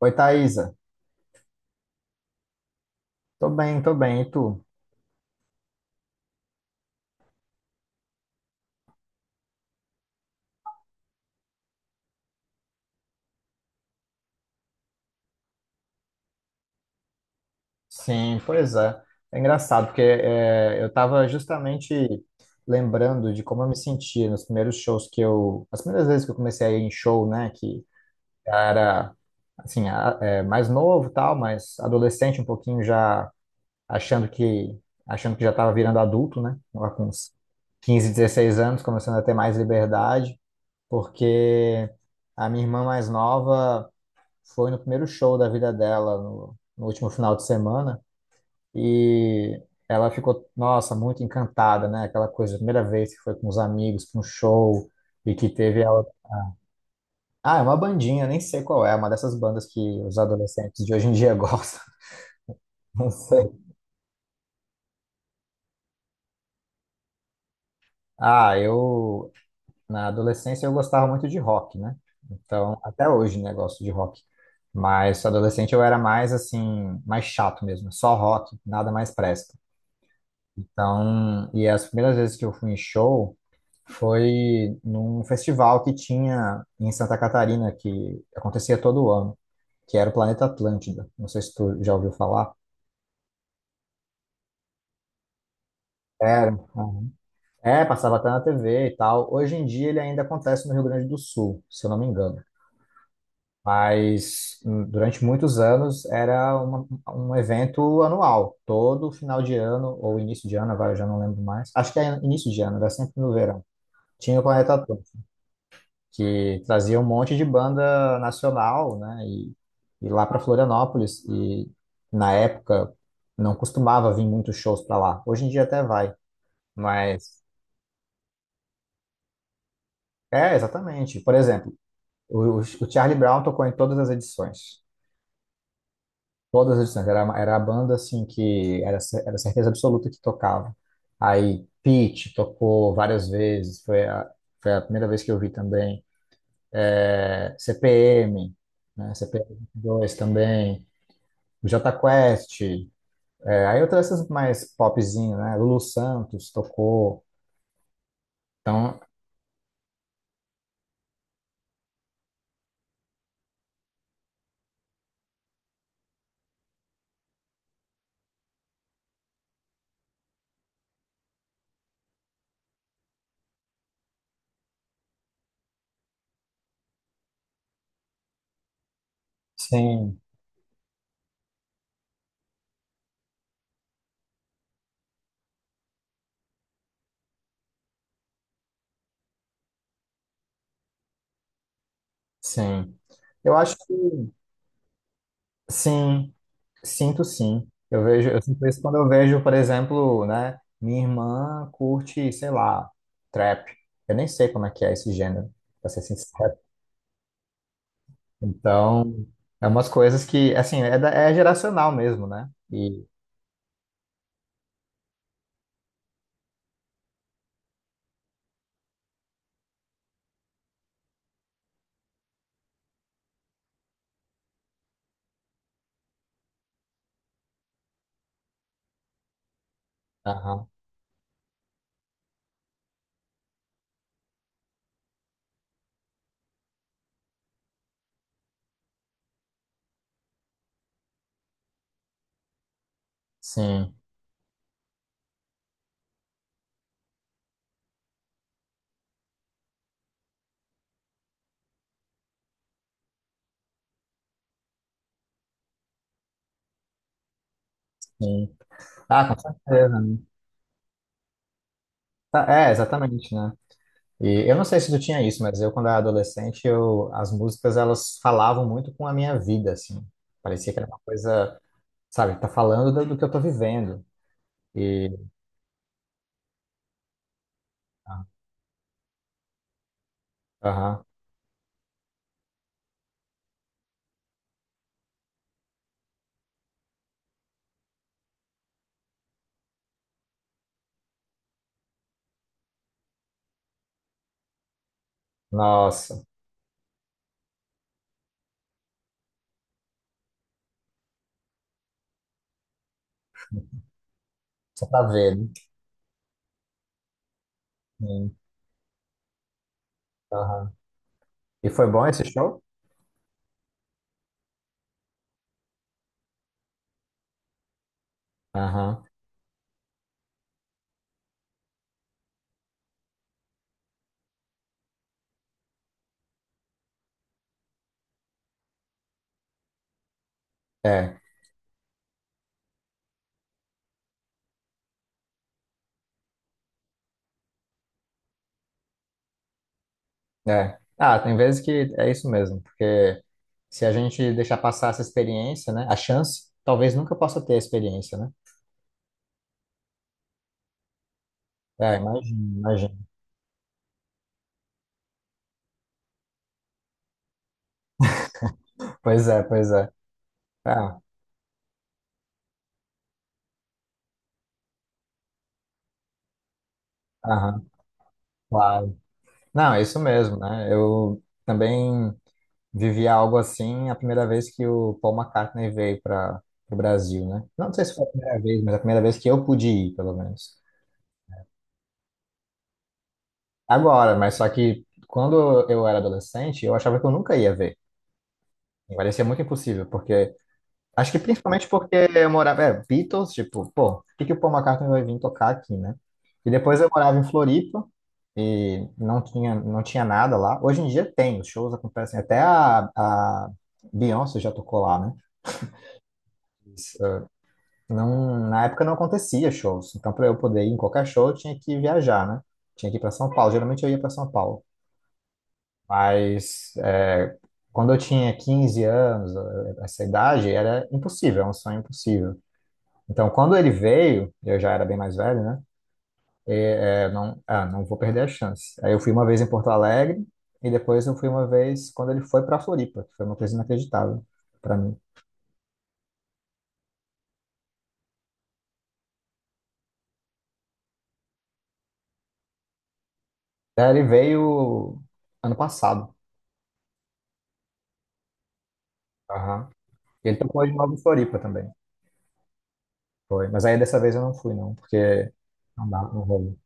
Oi, Thaisa. Tô bem, tô bem. E tu? Sim, pois é. É engraçado, porque eu estava justamente lembrando de como eu me sentia nos primeiros shows que as primeiras vezes que eu comecei a ir em show, né? Que era, assim, mais novo e tal, mas adolescente um pouquinho já achando achando que já estava virando adulto, né? Lá com uns 15, 16 anos, começando a ter mais liberdade, porque a minha irmã mais nova foi no primeiro show da vida dela, no último final de semana, e ela ficou, nossa, muito encantada, né? Aquela coisa, a primeira vez que foi com os amigos para um show, e que teve ela. Ah, é uma bandinha, nem sei qual é, uma dessas bandas que os adolescentes de hoje em dia gostam, não sei. Ah, na adolescência, eu gostava muito de rock, né? Então, até hoje, né, gosto de rock. Mas adolescente eu era mais assim, mais chato mesmo, só rock, nada mais presta. Então, e as primeiras vezes que eu fui em show foi num festival que tinha em Santa Catarina, que acontecia todo ano, que era o Planeta Atlântida. Não sei se tu já ouviu falar. Era. Uhum. É, passava até na TV e tal. Hoje em dia ele ainda acontece no Rio Grande do Sul, se eu não me engano. Mas durante muitos anos era um evento anual, todo final de ano ou início de ano, agora eu já não lembro mais. Acho que é início de ano, era sempre no verão. Tinha o Planeta que trazia um monte de banda nacional, né? E lá para Florianópolis. E na época não costumava vir muitos shows para lá. Hoje em dia até vai, mas é exatamente. Por exemplo, o Charlie Brown tocou em todas as edições. Todas as edições. Era, era a banda assim que era, era certeza absoluta que tocava. Aí Pitty tocou várias vezes. Foi a primeira vez que eu vi também. É, CPM, né? CPM dois também. Jota Quest, aí outras essas mais popzinho, né? Lulu Santos tocou. Então, sim, sim. Eu acho que sim, sinto sim. Eu vejo, eu sinto isso quando eu vejo, por exemplo, né? Minha irmã curte, sei lá, trap. Eu nem sei como é que é esse gênero, pra ser sincero. Então, é umas coisas que, assim, é, é geracional mesmo, né? E, aham, sim, sim. Ah, com certeza. Tá, é, exatamente, né? E eu não sei se tu tinha isso, mas eu, quando era adolescente, eu, as músicas, elas falavam muito com a minha vida, assim. Parecia que era uma coisa, sabe, tá falando do, do que eu tô vivendo. E, aham, nossa, só pra ver, né? Sim, aham. E foi bom esse show? Aham, é, é. Ah, tem vezes que é isso mesmo, porque se a gente deixar passar essa experiência, né, a chance, talvez nunca possa ter a experiência, né? É, imagina, imagina. Pois é, pois é. Ah, aham. Claro. Não, é isso mesmo, né? Eu também vivi algo assim a primeira vez que o Paul McCartney veio para o Brasil, né? Não sei se foi a primeira vez, mas a primeira vez que eu pude ir, pelo menos. Agora, mas só que quando eu era adolescente, eu achava que eu nunca ia ver. Me parecia muito impossível, porque acho que principalmente porque eu morava, é, Beatles, tipo, pô, por que que o Paul McCartney vai vir tocar aqui, né? E depois eu morava em Floripa e não tinha, não tinha nada lá. Hoje em dia tem, os shows acontecem, até a Beyoncé já tocou lá, né? Mas, não, na época não acontecia shows, então para eu poder ir em qualquer show eu tinha que viajar, né? Tinha que ir para São Paulo, geralmente eu ia para São Paulo, mas quando eu tinha 15 anos, essa idade, era impossível, era um sonho impossível. Então, quando ele veio, eu já era bem mais velho, né? E, não, ah, não vou perder a chance. Aí eu fui uma vez em Porto Alegre e depois eu fui uma vez quando ele foi para Floripa, que foi uma coisa inacreditável para mim. Aí ele veio ano passado. Aham. E ele tocou de novo em Floripa também. Foi. Mas aí dessa vez eu não fui, não, porque não dá, não rolou.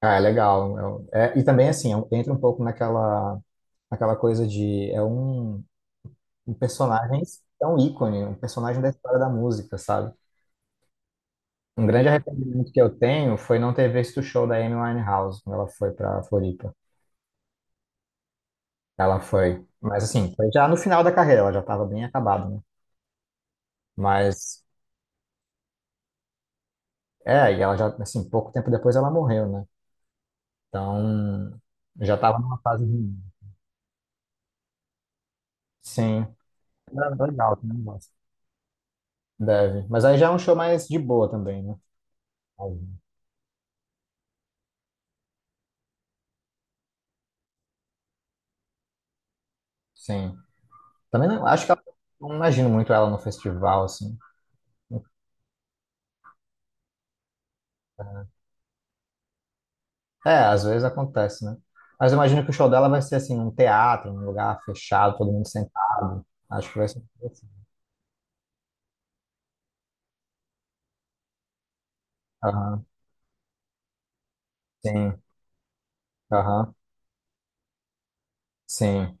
Ah, é legal. É, e também, assim, é entra um pouco naquela, naquela coisa de. É um personagem, é um ícone, um personagem da história da música, sabe? Um grande arrependimento que eu tenho foi não ter visto o show da Amy Winehouse quando ela foi para Floripa. Ela foi, mas assim, foi já no final da carreira, ela já estava bem acabada, né? Mas é, e ela já assim, pouco tempo depois ela morreu, né? Então, já estava numa fase ruim. Sim. É legal, também gosto. Deve. Mas aí já é um show mais de boa também, né? Sim. Também não, acho que ela, não imagino muito ela no festival, assim. É, às vezes acontece, né? Mas eu imagino que o show dela vai ser assim, num teatro, num lugar fechado, todo mundo sentado. Acho que vai ser assim. Aham, sim, aham, sim.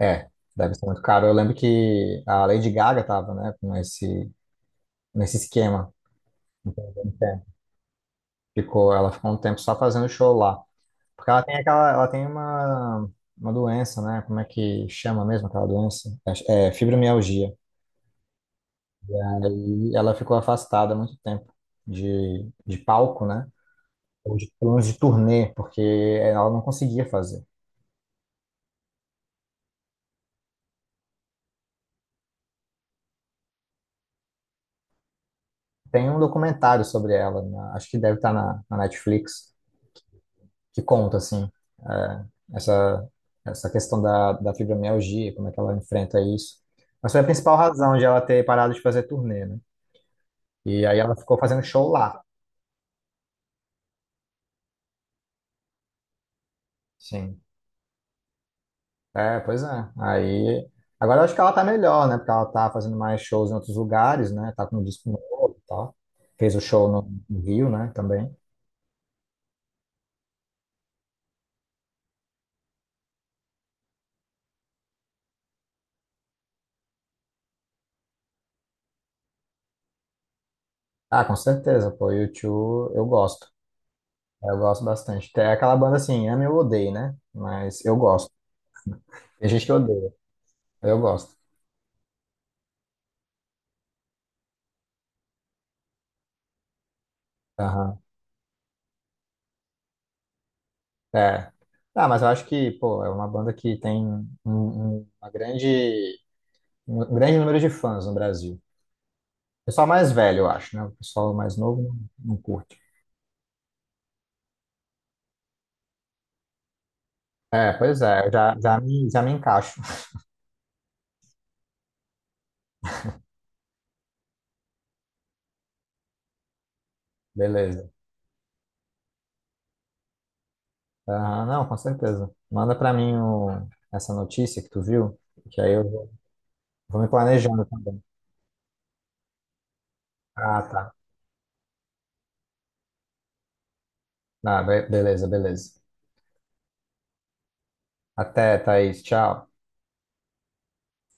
É, deve ser muito caro. Eu lembro que a Lady Gaga tava, né, com nesse esquema. Um. Ficou, ela ficou um tempo só fazendo show lá. Porque ela tem aquela, ela tem uma doença, né? Como é que chama mesmo aquela doença? É fibromialgia. E aí ela ficou afastada há muito tempo de palco, né? Ou de, pelo menos de turnê, porque ela não conseguia fazer. Tem um documentário sobre ela, acho que deve estar na Netflix, que conta, assim, é, essa, essa questão da fibromialgia, como é que ela enfrenta isso. Mas foi a principal razão de ela ter parado de fazer turnê, né? E aí ela ficou fazendo show lá, sim. É, pois é. Aí, agora eu acho que ela tá melhor, né? Porque ela tá fazendo mais shows em outros lugares, né? Tá com um disco novo e tal. Fez o show no Rio, né? Também. Ah, com certeza, pô, U2 eu gosto. Eu gosto bastante. Tem aquela banda assim, ame ou odeie, né? Mas eu gosto. Tem gente que odeia, eu gosto. Aham, é. Ah, mas eu acho que, pô, é uma banda que tem um grande número de fãs no Brasil. Pessoal mais velho, eu acho, né? O pessoal mais novo não, não curte. É, pois é, eu já me encaixo. Beleza. Aham, não, com certeza. Manda pra mim essa notícia que tu viu, que aí eu vou me planejando. Ah, tá. Ah, beleza, beleza. Até, Thaís. Tchau.